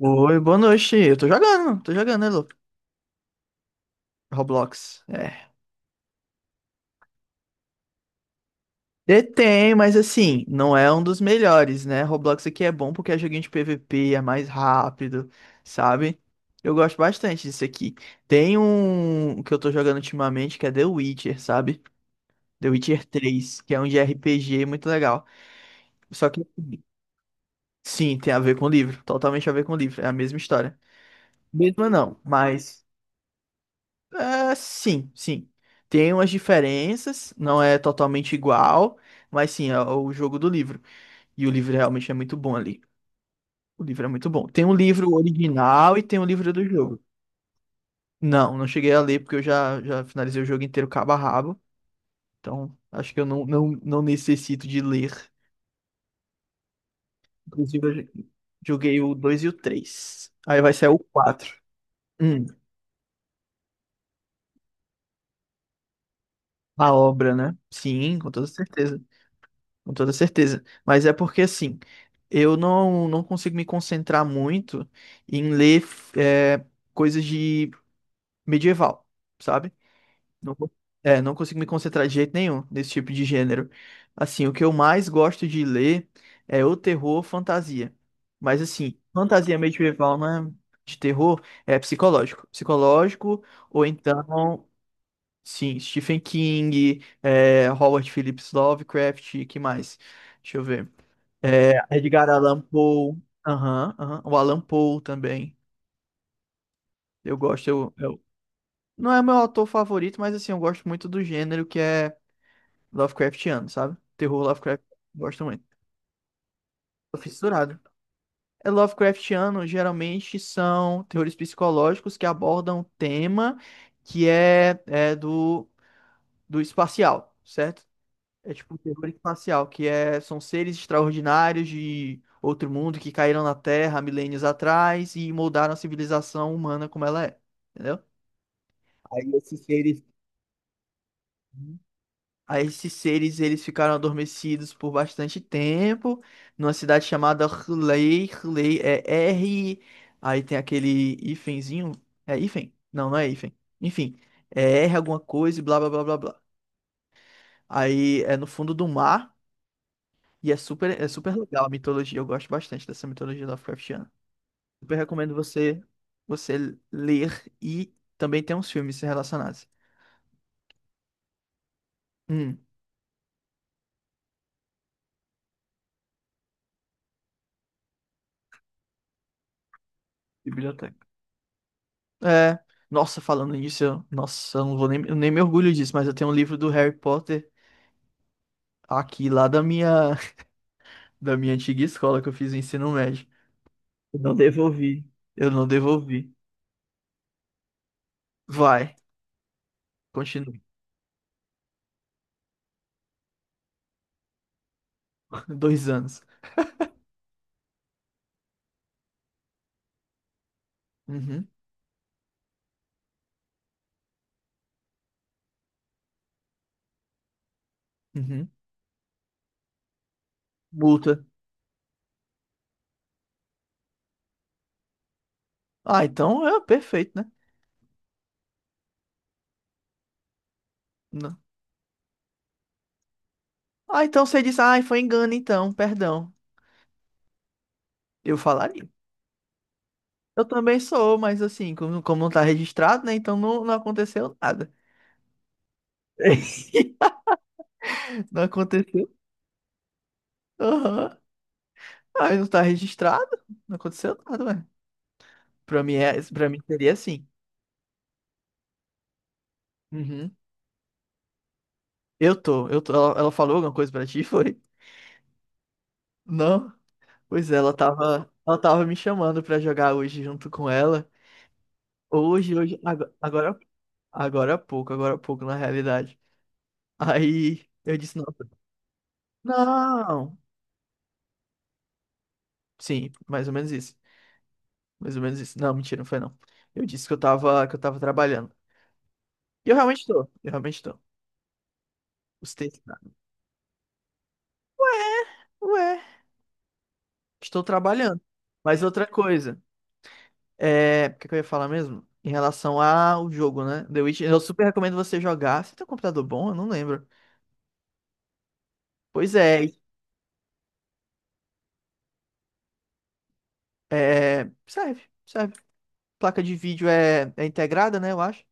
Oi, boa noite. Eu tô jogando, né, Lu? Roblox. É. E tem, mas assim, não é um dos melhores, né? Roblox aqui é bom porque é joguinho de PVP, é mais rápido, sabe? Eu gosto bastante disso aqui. Tem um que eu tô jogando ultimamente que é The Witcher, sabe? The Witcher três, que é um de RPG muito legal. Só que, sim, tem a ver com o livro, totalmente a ver com o livro, é a mesma história. Mesma não, mas. Ah, sim, sim. Tem umas diferenças, não é totalmente igual, mas sim, é o jogo do livro. E o livro realmente é muito bom ali. O livro é muito bom. Tem um livro original e tem um livro do jogo. Não, não cheguei a ler porque eu já finalizei o jogo inteiro cabo a rabo. Então, acho que eu não necessito de ler. Inclusive, joguei o 2 e o três. Aí vai sair o quatro. Hum, a obra, né? Sim, com toda certeza. Com toda certeza. Mas é porque assim, eu não consigo me concentrar muito em ler coisas de medieval, sabe? Não, não consigo me concentrar de jeito nenhum nesse tipo de gênero. Assim, o que eu mais gosto de ler é o terror fantasia. Mas assim, fantasia medieval não é de terror, é psicológico. Psicológico, ou então, sim, Stephen King, Howard Phillips Lovecraft, que mais? Deixa eu ver. Edgar Allan Poe. Aham, aham. O Allan Poe também. Eu gosto. Não é meu autor favorito, mas assim, eu gosto muito do gênero que é Lovecraftiano, sabe? Terror Lovecraft, gosto muito. Tô fissurado. É Lovecraftiano, geralmente são terrores psicológicos que abordam um tema que é do espacial, certo? É tipo um terror espacial, que é, são seres extraordinários de outro mundo que caíram na Terra há milênios atrás e moldaram a civilização humana como ela é, entendeu? Aí esses seres, aí esses seres eles ficaram adormecidos por bastante tempo numa cidade chamada Hurley. Hurley é R, aí tem aquele hífenzinho, é hífen? Não, não é hífen. Enfim, é R alguma coisa e blá blá blá blá blá. Aí é no fundo do mar. E é super legal a mitologia. Eu gosto bastante dessa mitologia Lovecraftiana. Super recomendo você ler e também tem uns filmes relacionados. Hum, Biblioteca. É, nossa, falando nisso, nossa, eu não vou nem, eu nem me orgulho disso, mas eu tenho um livro do Harry Potter aqui lá da minha, da minha antiga escola que eu fiz o ensino médio. Eu não devolvi. Eu não devolvi. Vai, continua. Dois anos. Uhum, uhum. Multa. Ah, então é perfeito, né? Ah, então você diz, ah, foi engano então, perdão. Eu falaria. Eu também sou, mas assim, como não tá registrado, né? Então não, não aconteceu nada. Não aconteceu? Aham. Ah, não tá registrado? Não aconteceu nada, ué. Pra mim seria assim. Uhum. Eu tô, eu tô. Ela falou alguma coisa pra ti, foi? Não? Pois é, ela tava me chamando pra jogar hoje junto com ela. Hoje, agora agora há pouco, na realidade. Aí eu disse, não. Não. Sim, mais ou menos isso. Mais ou menos isso. Não, mentira, não foi não. Eu disse que eu tava, trabalhando. E eu realmente tô. Eu realmente tô. Os textos, tá? Ué, estou trabalhando. Mas outra coisa, o que que eu ia falar mesmo? Em relação ao jogo, né? The Witcher, eu super recomendo você jogar. Você tem um computador bom? Eu não lembro. Pois é, serve, serve. Placa de vídeo é integrada, né? Eu acho.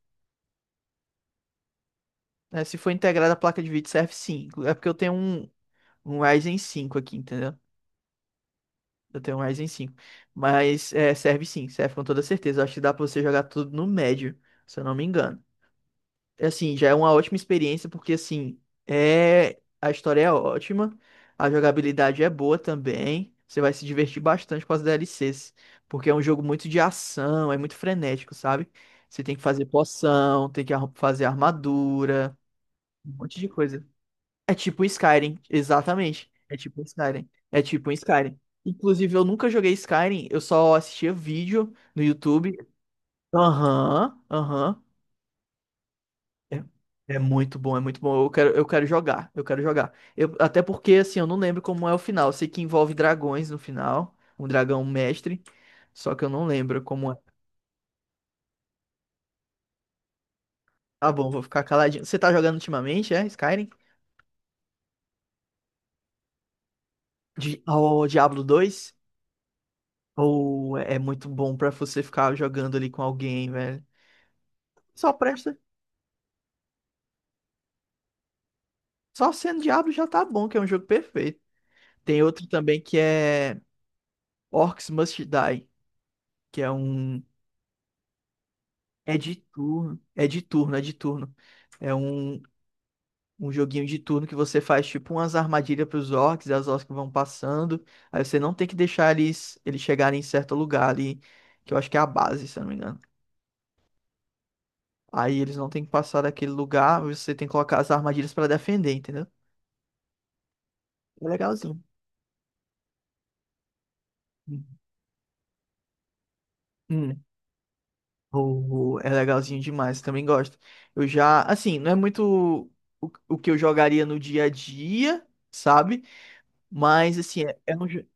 Se for integrada a placa de vídeo, serve sim. É porque eu tenho um Ryzen cinco aqui, entendeu? Eu tenho um Ryzen cinco. Mas serve sim, serve com toda certeza. Eu acho que dá pra você jogar tudo no médio, se eu não me engano. É assim, já é uma ótima experiência, porque assim, a história é ótima, a jogabilidade é boa também. Você vai se divertir bastante com as DLCs, porque é um jogo muito de ação, é muito frenético, sabe? Você tem que fazer poção, tem que fazer armadura, um monte de coisa. É tipo um Skyrim, exatamente. É tipo um Skyrim. É tipo um Skyrim. Inclusive, eu nunca joguei Skyrim, eu só assistia vídeo no YouTube. Aham, aham. É, é muito bom, é muito bom. Eu quero jogar, eu quero jogar. Eu, até porque, assim, eu não lembro como é o final. Eu sei que envolve dragões no final, um dragão mestre, só que eu não lembro como é. Tá bom, vou ficar caladinho. Você tá jogando ultimamente, Skyrim? O Diablo 2? Ou é muito bom pra você ficar jogando ali com alguém, velho? Só presta. Só sendo diabo já tá bom, que é um jogo perfeito. Tem outro também que é Orcs Must Die, que é um. É de turno. É de turno, é de turno. É um joguinho de turno que você faz tipo umas armadilhas pros orcs, e as orcs vão passando. Aí você não tem que deixar eles chegarem em certo lugar ali, que eu acho que é a base, se eu não me engano. Aí eles não tem que passar daquele lugar, você tem que colocar as armadilhas pra defender, entendeu? É legalzinho. Hum. É legalzinho demais, também gosto. Eu já, assim, não é muito o que eu jogaria no dia a dia, sabe? Mas, assim.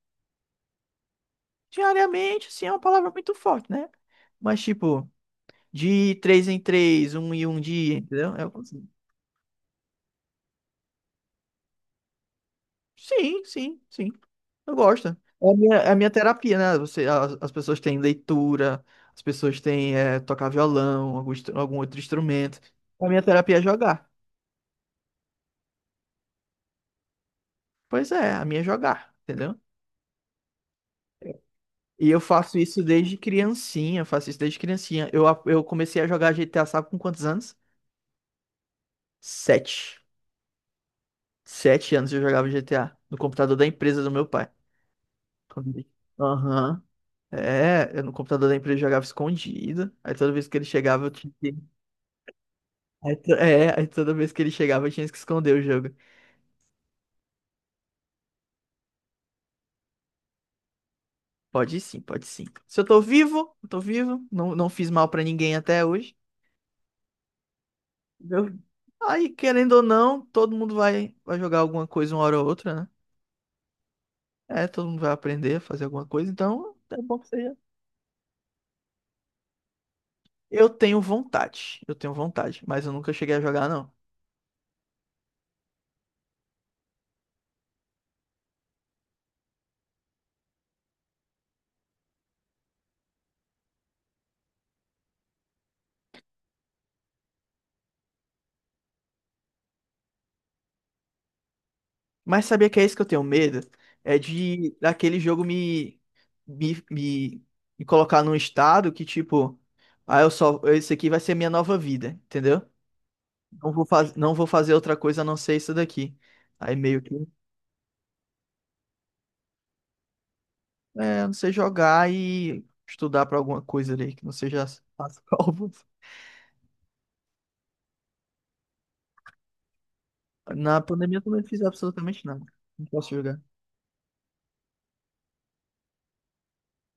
Diariamente, assim, é uma palavra muito forte, né? Mas, tipo, de três em três, um em um dia, entendeu? Sim, sim, sim. Eu gosto. É a minha terapia, né? As pessoas têm leitura, as pessoas têm tocar violão, algum outro instrumento. A minha terapia é jogar. Pois é, a minha é jogar, entendeu? E eu faço isso desde criancinha, eu faço isso desde criancinha. Eu comecei a jogar GTA, sabe com quantos anos? Sete. Sete anos eu jogava GTA, no computador da empresa do meu pai. Quando- Aham. Eu no computador da empresa eu jogava escondido. Aí toda vez que ele chegava, eu tinha que. Aí toda vez que ele chegava, eu tinha que esconder o jogo. Pode sim, pode sim. Se eu tô vivo, eu tô vivo. Não, não fiz mal pra ninguém até hoje. Entendeu? Aí, querendo ou não, todo mundo vai jogar alguma coisa uma hora ou outra, né? Todo mundo vai aprender a fazer alguma coisa, então é bom que seja. Eu tenho vontade, mas eu nunca cheguei a jogar, não. Mas sabia que é isso que eu tenho medo? É de daquele jogo me, me, me colocar num estado que, tipo, ah, eu só, esse aqui vai ser minha nova vida, entendeu? Não vou fazer outra coisa a não ser isso daqui. Aí meio que, eu não sei jogar e estudar pra alguma coisa ali, que não seja as provas. Na pandemia eu também não fiz absolutamente nada. Não posso jogar.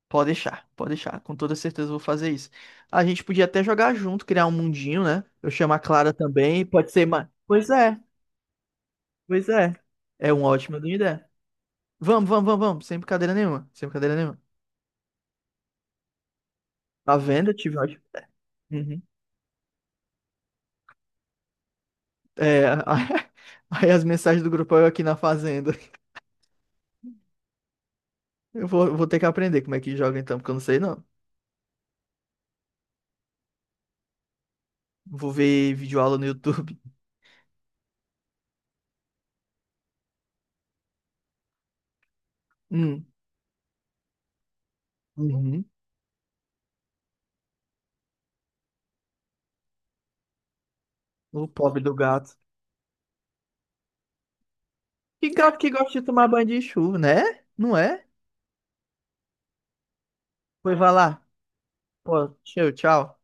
Pode deixar, pode deixar. Com toda certeza eu vou fazer isso. A gente podia até jogar junto, criar um mundinho, né? Eu chamo a Clara também, pode ser mais. Pois é, pois é. É uma ótima ideia. Vamos, vamos, vamos, vamos. Sem brincadeira nenhuma. Sem brincadeira nenhuma. Tá vendo? Eu tive uma ótima ideia. Uhum. É, aí as mensagens do grupo é eu aqui na fazenda. Eu vou ter que aprender como é que joga então, porque eu não sei não. Vou ver videoaula no YouTube. Hum. Uhum. O pobre do gato. Que gato que gosta de tomar banho de chuva, né? Não é? Pois vai lá. Pô, show, tchau.